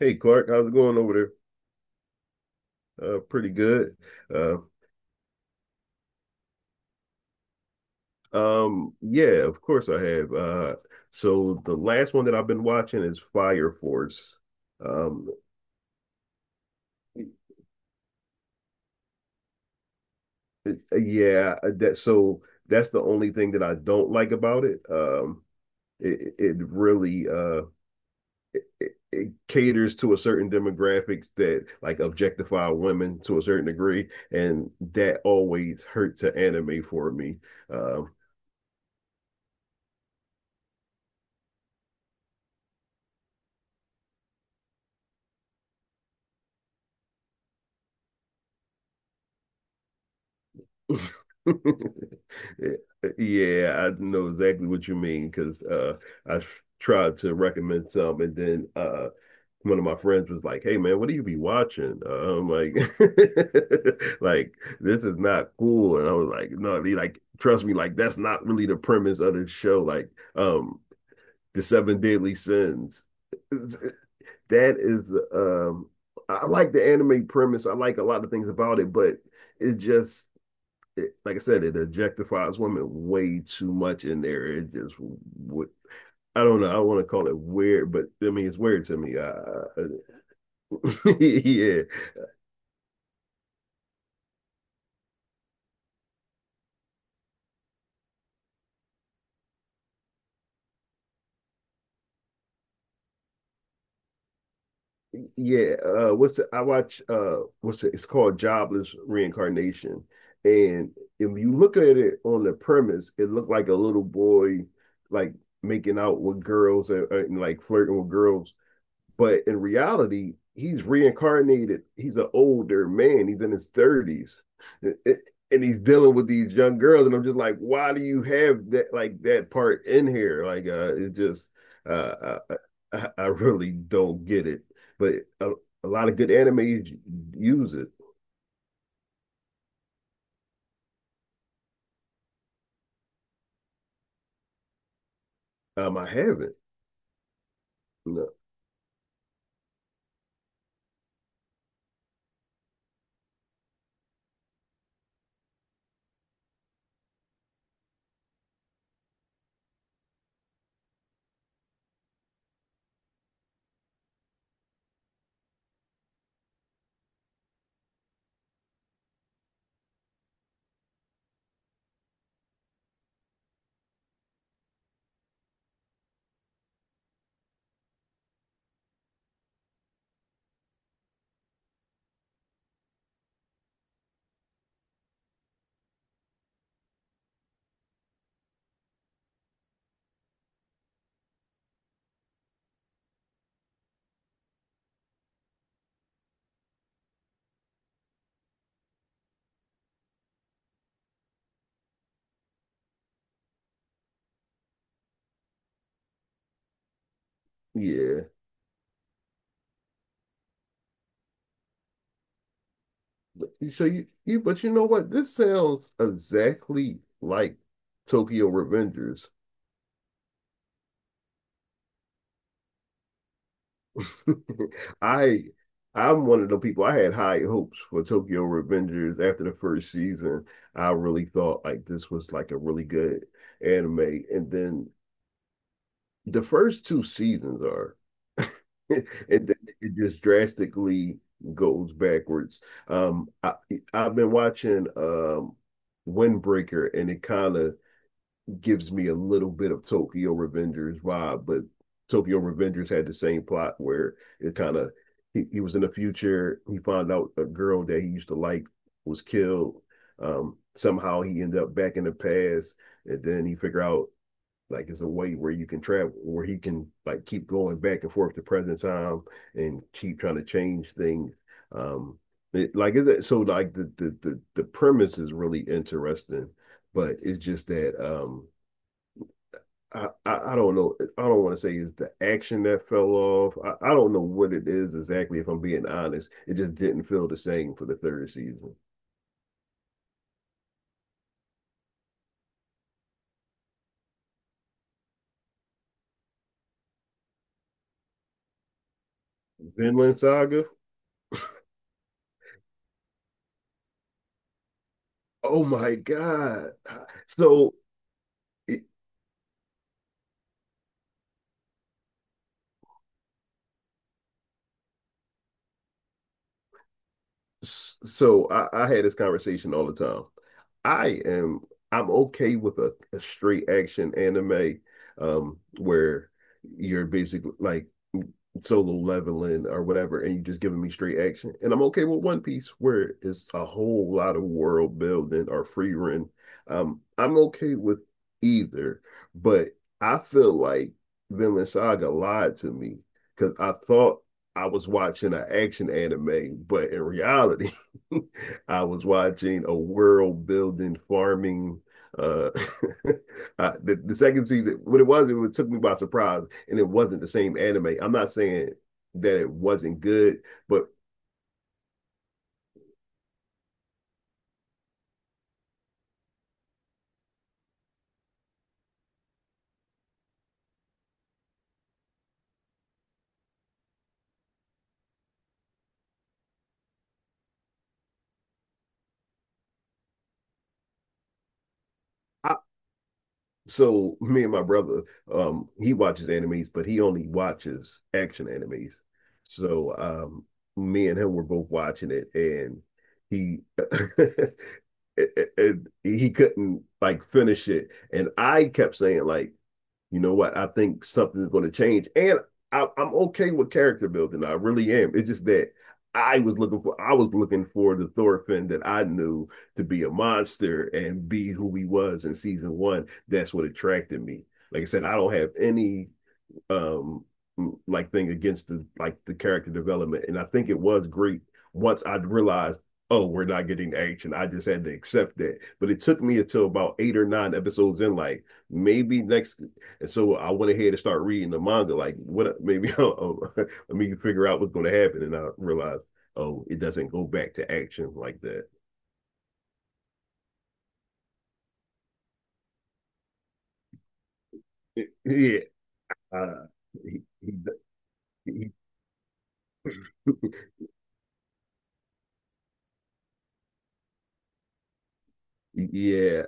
Hey Clark, how's it going over there? Pretty good. Uh, yeah, of course I have. So the last one that I've been watching is Fire Force. Um, it- yeah, that so that's the only thing that I don't like about it. It really it caters to a certain demographics that like objectify women to a certain degree, and that always hurts an anime for me. Um, Eh, yeah, I know exactly what you mean because I tried to recommend some, and then one of my friends was like, "Hey, man, what do you be watching?" I'm like, "Like this is not cool," and I was like, "No, he like trust me, like that's not really the premise of the show. Like, um, the seven deadly sins. That is, I like the anime premise. I like a lot of things about it, but." It's just it, like I said, it objectifies women way too much in there. It just would. I don't know. I want to call it weird, but I mean it's weird to me. Yeah, yeah. What's the, I watch? What's the, it's called Jobless Reincarnation, and if you look at it on the premise, it looked like a little boy like making out with girls and like flirting with girls. But in reality, he's reincarnated. He's an older man. He's in his 30s. It- it- and he's dealing with these young girls. And I'm just like, why do you have that like that part in here? Like it just uh uh, uh, I, really don't get it. But a, a lot of good animes use it. I haven't. No. Yeah. But, so you but you know what? This sounds exactly like Tokyo Revengers. I I'm one of the people. I had high hopes for Tokyo Revengers after the first season. I really thought like this was like a really good anime. And then the first two seasons are and then it just drastically goes backwards. Um I I've been watching Windbreaker, and it kind of gives me a little bit of Tokyo Revengers vibe, but Tokyo Revengers had the same plot where it kind of he was in the future. He found out a girl that he used to like was killed. Somehow he ended up back in the past, and then he figure out like it's a way where you can travel, where he can like keep going back and forth to present time and keep trying to change things. Um, it, like it, so like the premise is really interesting, but it's just that I don't know. I don't want to say it's the action that fell off. I don't know what it is exactly, if I'm being honest. It just didn't feel the same for the third season. Vinland Saga. Oh my God. So, it- so I had this conversation all the time. I am, I'm okay with a straight action anime, where you're basically like, solo leveling or whatever, and you're just giving me straight action. And I'm okay with One Piece, where it's a whole lot of world building or free run. I'm okay with either, but I feel like Vinland Saga lied to me because I thought I was watching an action anime, but in reality, I was watching a world building farming uh the second season, what it was, it took me by surprise, and it wasn't the same anime. I'm not saying that it wasn't good, but I, so me and my brother, he watches animes, but he only watches action animes. So me and him were both watching it, and he he couldn't like finish it, and I kept saying like, you know what? I think something is going to change. And I'm okay with character building. I really am. It's just that I was looking for. I was looking for the Thorfinn that I knew to be a monster and be who he was in season one. That's what attracted me. Like I said, I don't have any um like thing against the like the character development. And I think it was great once I realized, oh, we're not getting action. I just had to accept that. But it took me until about eight or nine episodes in, like maybe next. And so I went ahead and started reading the manga. Like what? Maybe oh, oh, let me figure out what's going to happen. And I realized, oh, it doesn't go back to action like that. It, yeah. He, he, he, yeah,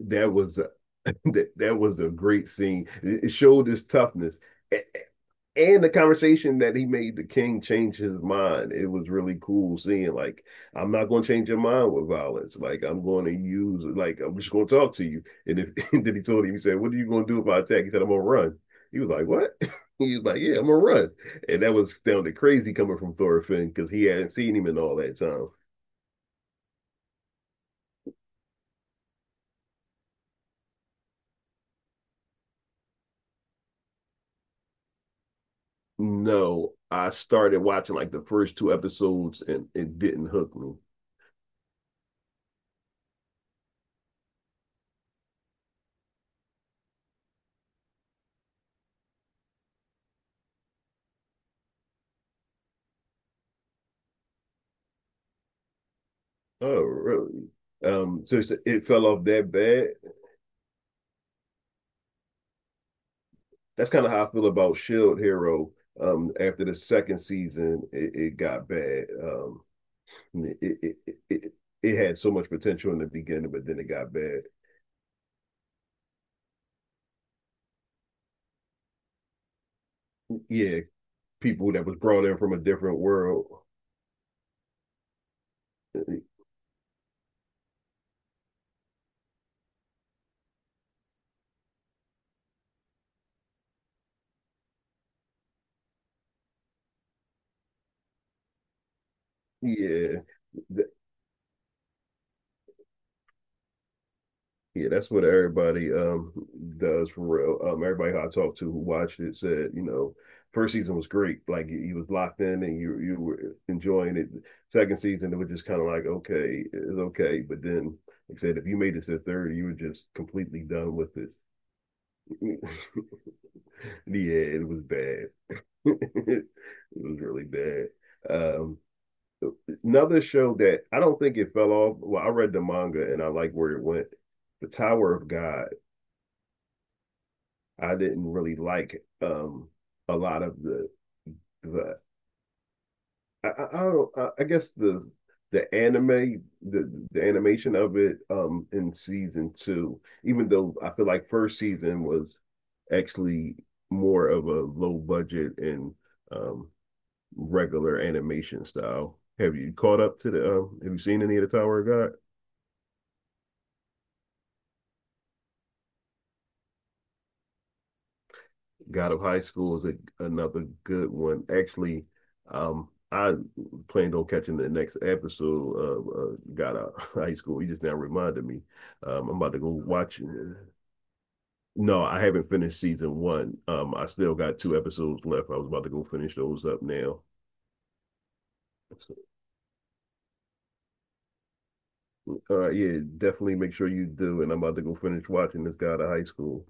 that was that that was a great scene. It showed his toughness. And the conversation that he made the king change his mind. It was really cool seeing like I'm not going to change your mind with violence. Like I'm going to use like I'm just going to talk to you. And if and then he told him he said, "What are you going to do if I attack?" He said, "I'm going to run." He was like, "What?" He was like, "Yeah, I'm going to run." And that was sounded crazy coming from Thorfinn because he hadn't seen him in all that time. No, I started watching like the first two episodes and it didn't hook me. Oh, really? So it's- it fell off that bad. That's kind of how I feel about Shield Hero. After the second season, it got bad. It, it it it it had so much potential in the beginning, but then it got bad. Yeah, people that was brought in from a different world. Yeah. Yeah, that's what everybody does for real. Everybody who I talked to who watched it said, you know, first season was great. Like you was locked in and you were enjoying it. Second season, it was just kind of like okay, it's okay. But then, like I said, if you made it to the third, you were just completely done with it. yeah, it was bad. it was really bad. Um, another show that I don't think it fell off. Well, I read the manga and I like where it went. The Tower of God. I didn't really like a lot of the I don't I guess the anime the animation of it in season two, even though I feel like first season was actually more of a low budget and um regular animation style. Have you caught up to the have you seen any of the Tower of God? God of High School is another good one. Actually, I planned on catching the next episode of God of High School. You just now reminded me. I'm about to go watch it. No, I haven't finished season one. I still got two episodes left. I was about to go finish those up now. So, yeah, definitely make sure you do. And I'm about to go finish watching this God of high school.